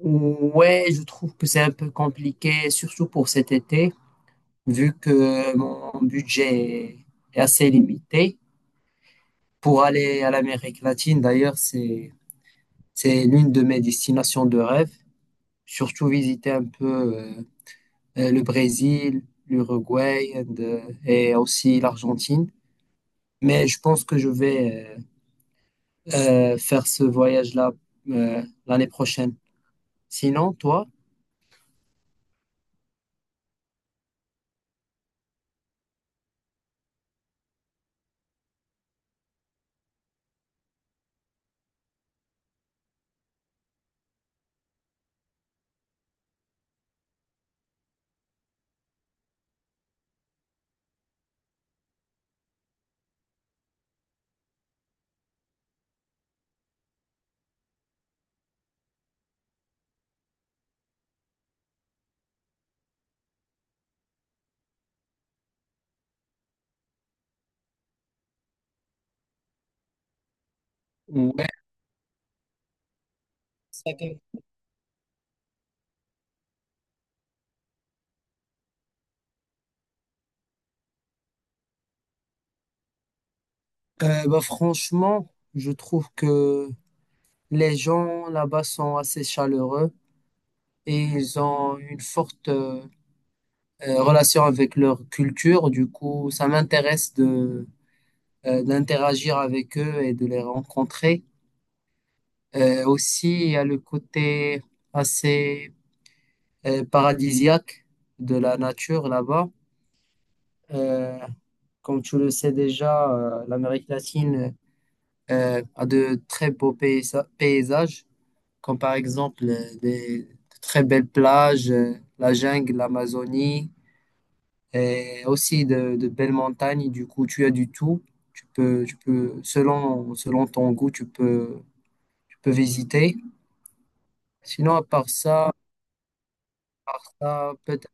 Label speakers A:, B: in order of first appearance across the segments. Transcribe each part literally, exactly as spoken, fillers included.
A: Ouais, je trouve que c'est un peu compliqué, surtout pour cet été, vu que mon budget est assez limité. Pour aller à l'Amérique latine, d'ailleurs, c'est, c'est l'une de mes destinations de rêve. Surtout visiter un peu euh, euh, le Brésil, l'Uruguay and, euh, et aussi l'Argentine. Mais je pense que je vais euh, euh, faire ce voyage-là euh, l'année prochaine. Sinon, toi? Ouais. Euh, bah, franchement, je trouve que les gens là-bas sont assez chaleureux et ils ont une forte euh, euh, relation avec leur culture. Du coup, ça m'intéresse de euh, d'interagir avec eux et de les rencontrer. Euh, aussi, il y a le côté assez euh, paradisiaque de la nature là-bas. Euh, Comme tu le sais déjà, euh, l'Amérique latine euh, a de très beaux paysa- paysages, comme par exemple euh, des, de très belles plages, euh, la jungle, l'Amazonie, et aussi de, de belles montagnes. Du coup, tu as du tout. Tu peux, tu peux, selon, selon ton goût, tu peux, tu peux visiter. Sinon, à part ça, à part ça, peut-être.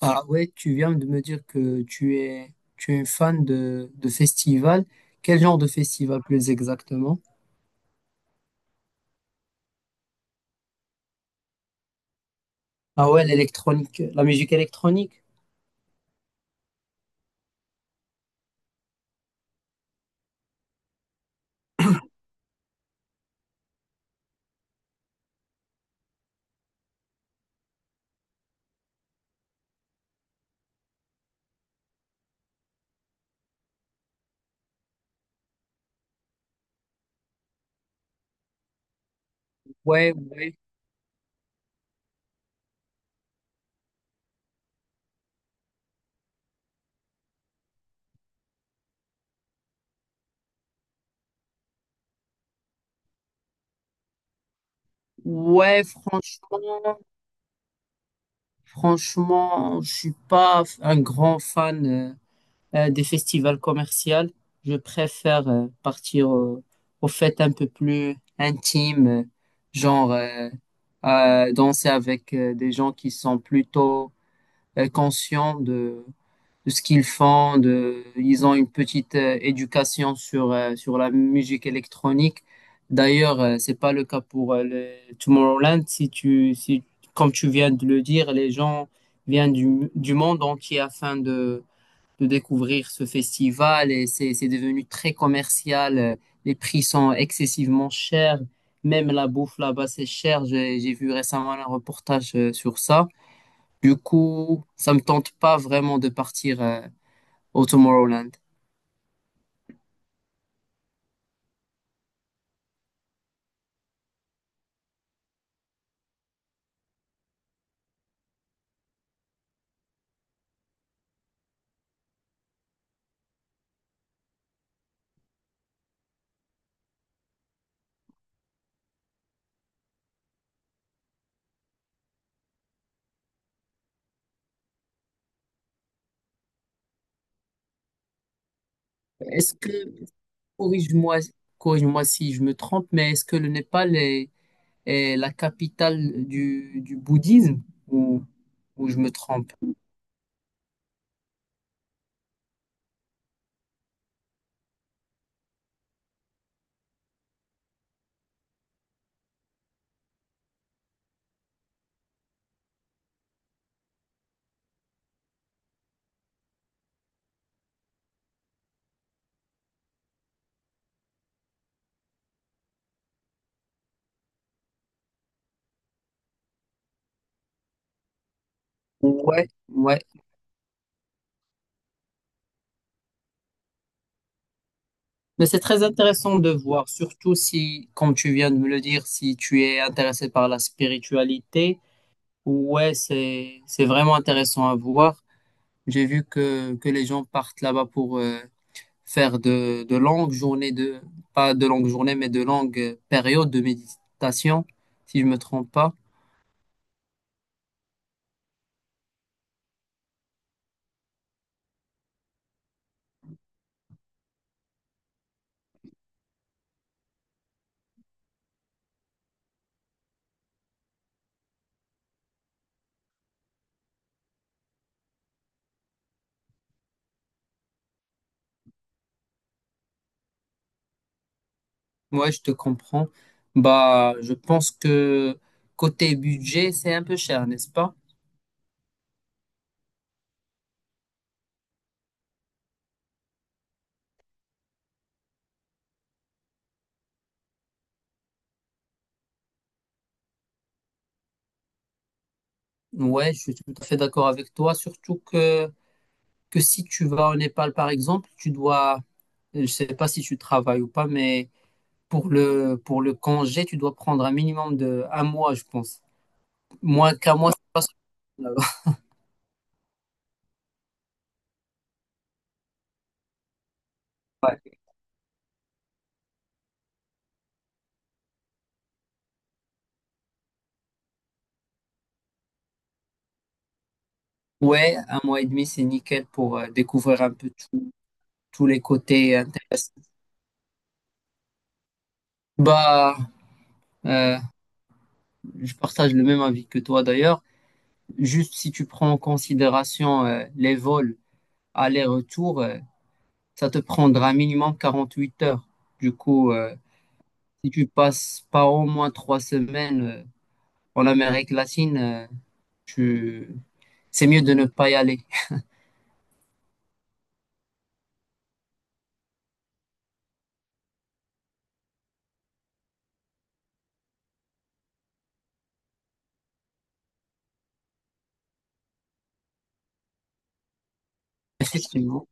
A: Ah ouais, tu viens de me dire que tu es, tu es une fan de, de festivals. Quel genre de festival plus exactement? Ah ouais, l'électronique, la musique électronique. Ouais, ouais. Ouais, franchement. Franchement, je suis pas un grand fan euh, euh, des festivals commerciaux. Je préfère euh, partir au- aux fêtes un peu plus intimes, euh, genre euh, euh, danser avec euh, des gens qui sont plutôt euh, conscients de de ce qu'ils font, de, ils ont une petite euh, éducation sur, euh, sur la musique électronique. D'ailleurs, euh, c'est pas le cas pour euh, le Tomorrowland. Si tu, si, comme tu viens de le dire, les gens viennent du, du monde entier afin de, de découvrir ce festival et c'est, c'est devenu très commercial. Euh, Les prix sont excessivement chers. Même la bouffe là-bas, c'est cher. J'ai, j'ai vu récemment un reportage euh, sur ça. Du coup, ça me tente pas vraiment de partir euh, au Tomorrowland. Est-ce que, corrige-moi, corrige-moi si je me trompe, mais est-ce que le Népal est, est la capitale du, du bouddhisme ou, ou je me trompe? Ouais, ouais. Mais c'est très intéressant de voir, surtout si, comme tu viens de me le dire, si tu es intéressé par la spiritualité, ouais, c'est, c'est vraiment intéressant à voir. J'ai vu que, que les gens partent là-bas pour, euh, faire de, de longues journées de, pas de longues journées, mais de longues périodes de méditation, si je me trompe pas. Ouais, je te comprends. Bah, je pense que côté budget, c'est un peu cher, n'est-ce pas? Ouais, je suis tout à fait d'accord avec toi, surtout que, que si tu vas au Népal, par exemple, tu dois, je sais pas si tu travailles ou pas, mais pour le, pour le congé, tu dois prendre un minimum de un mois, je pense. Moins qu'un mois, c'est pas Ouais, ouais, un mois et demi, c'est nickel pour euh, découvrir un peu tout- tous les côtés intéressants. Bah, euh, je partage le même avis que toi d'ailleurs. Juste si tu prends en considération euh, les vols aller-retour, euh, ça te prendra minimum quarante-huit heures. Du coup, euh, si tu passes pas au moins trois semaines euh, en Amérique latine, euh, je... c'est mieux de ne pas y aller, effectivement.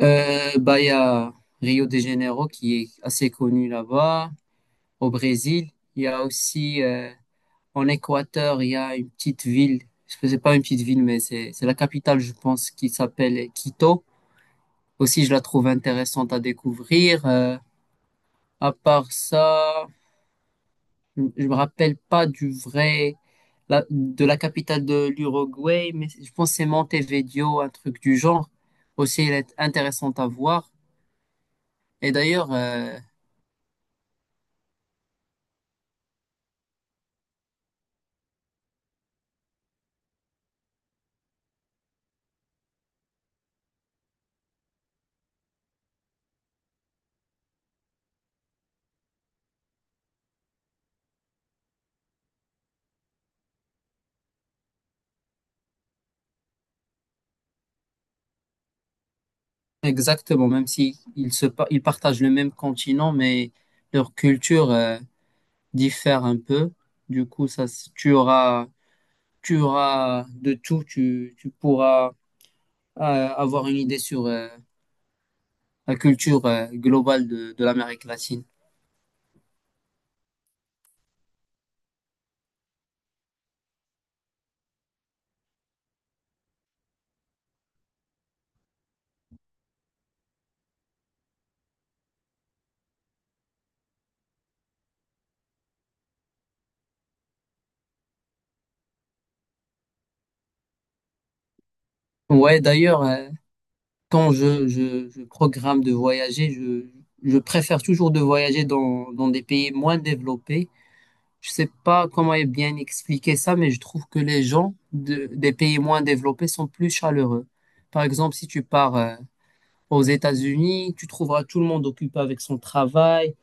A: Euh, bah, il y a Rio de Janeiro qui est assez connu là-bas, au Brésil. Il y a aussi euh, en Équateur, il y a une petite ville, je sais pas une petite ville, mais c'est c'est la capitale, je pense, qui s'appelle Quito. Aussi, je la trouve intéressante à découvrir. Euh, à part ça, Je je me rappelle pas du vrai, la- de la capitale de l'Uruguay, mais je pense que c'est Montevideo, un truc du genre. Aussi, elle est intéressante à voir. Et d'ailleurs, euh, exactement, même si ils se, pa- ils partagent le même continent, mais leur culture, euh, diffère un peu. Du coup, ça, s- tu auras, tu auras de tout, tu, tu pourras, euh, avoir une idée sur, euh, la culture, euh, globale de, de l'Amérique latine. Ouais, d'ailleurs, euh, quand je, je, je programme de voyager, je, je préfère toujours de voyager dans, dans des pays moins développés. Je sais pas comment est bien expliquer ça, mais je trouve que les gens de, des pays moins développés sont plus chaleureux. Par exemple, si tu pars euh, aux États-Unis, tu trouveras tout le monde occupé avec son travail,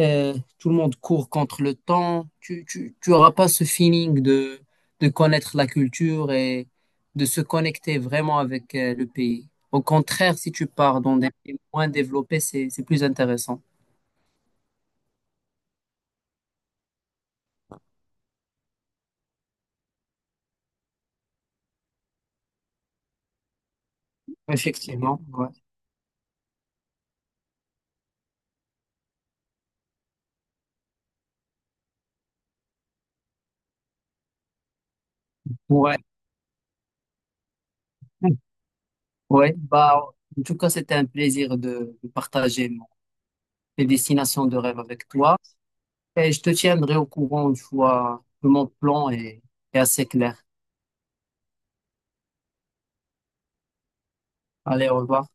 A: euh, tout le monde court contre le temps. Tu, tu, tu auras pas ce feeling de, de connaître la culture et de se connecter vraiment avec euh, le pays. Au contraire, si tu pars dans des pays moins développés, c'est, c'est plus intéressant. Effectivement, ouais. Ouais, ouais. Bah, en tout cas, c'était un plaisir de, de partager mon- mes destinations de rêve avec toi. Et je te tiendrai au courant une fois que mon plan est, est assez clair. Allez, au revoir.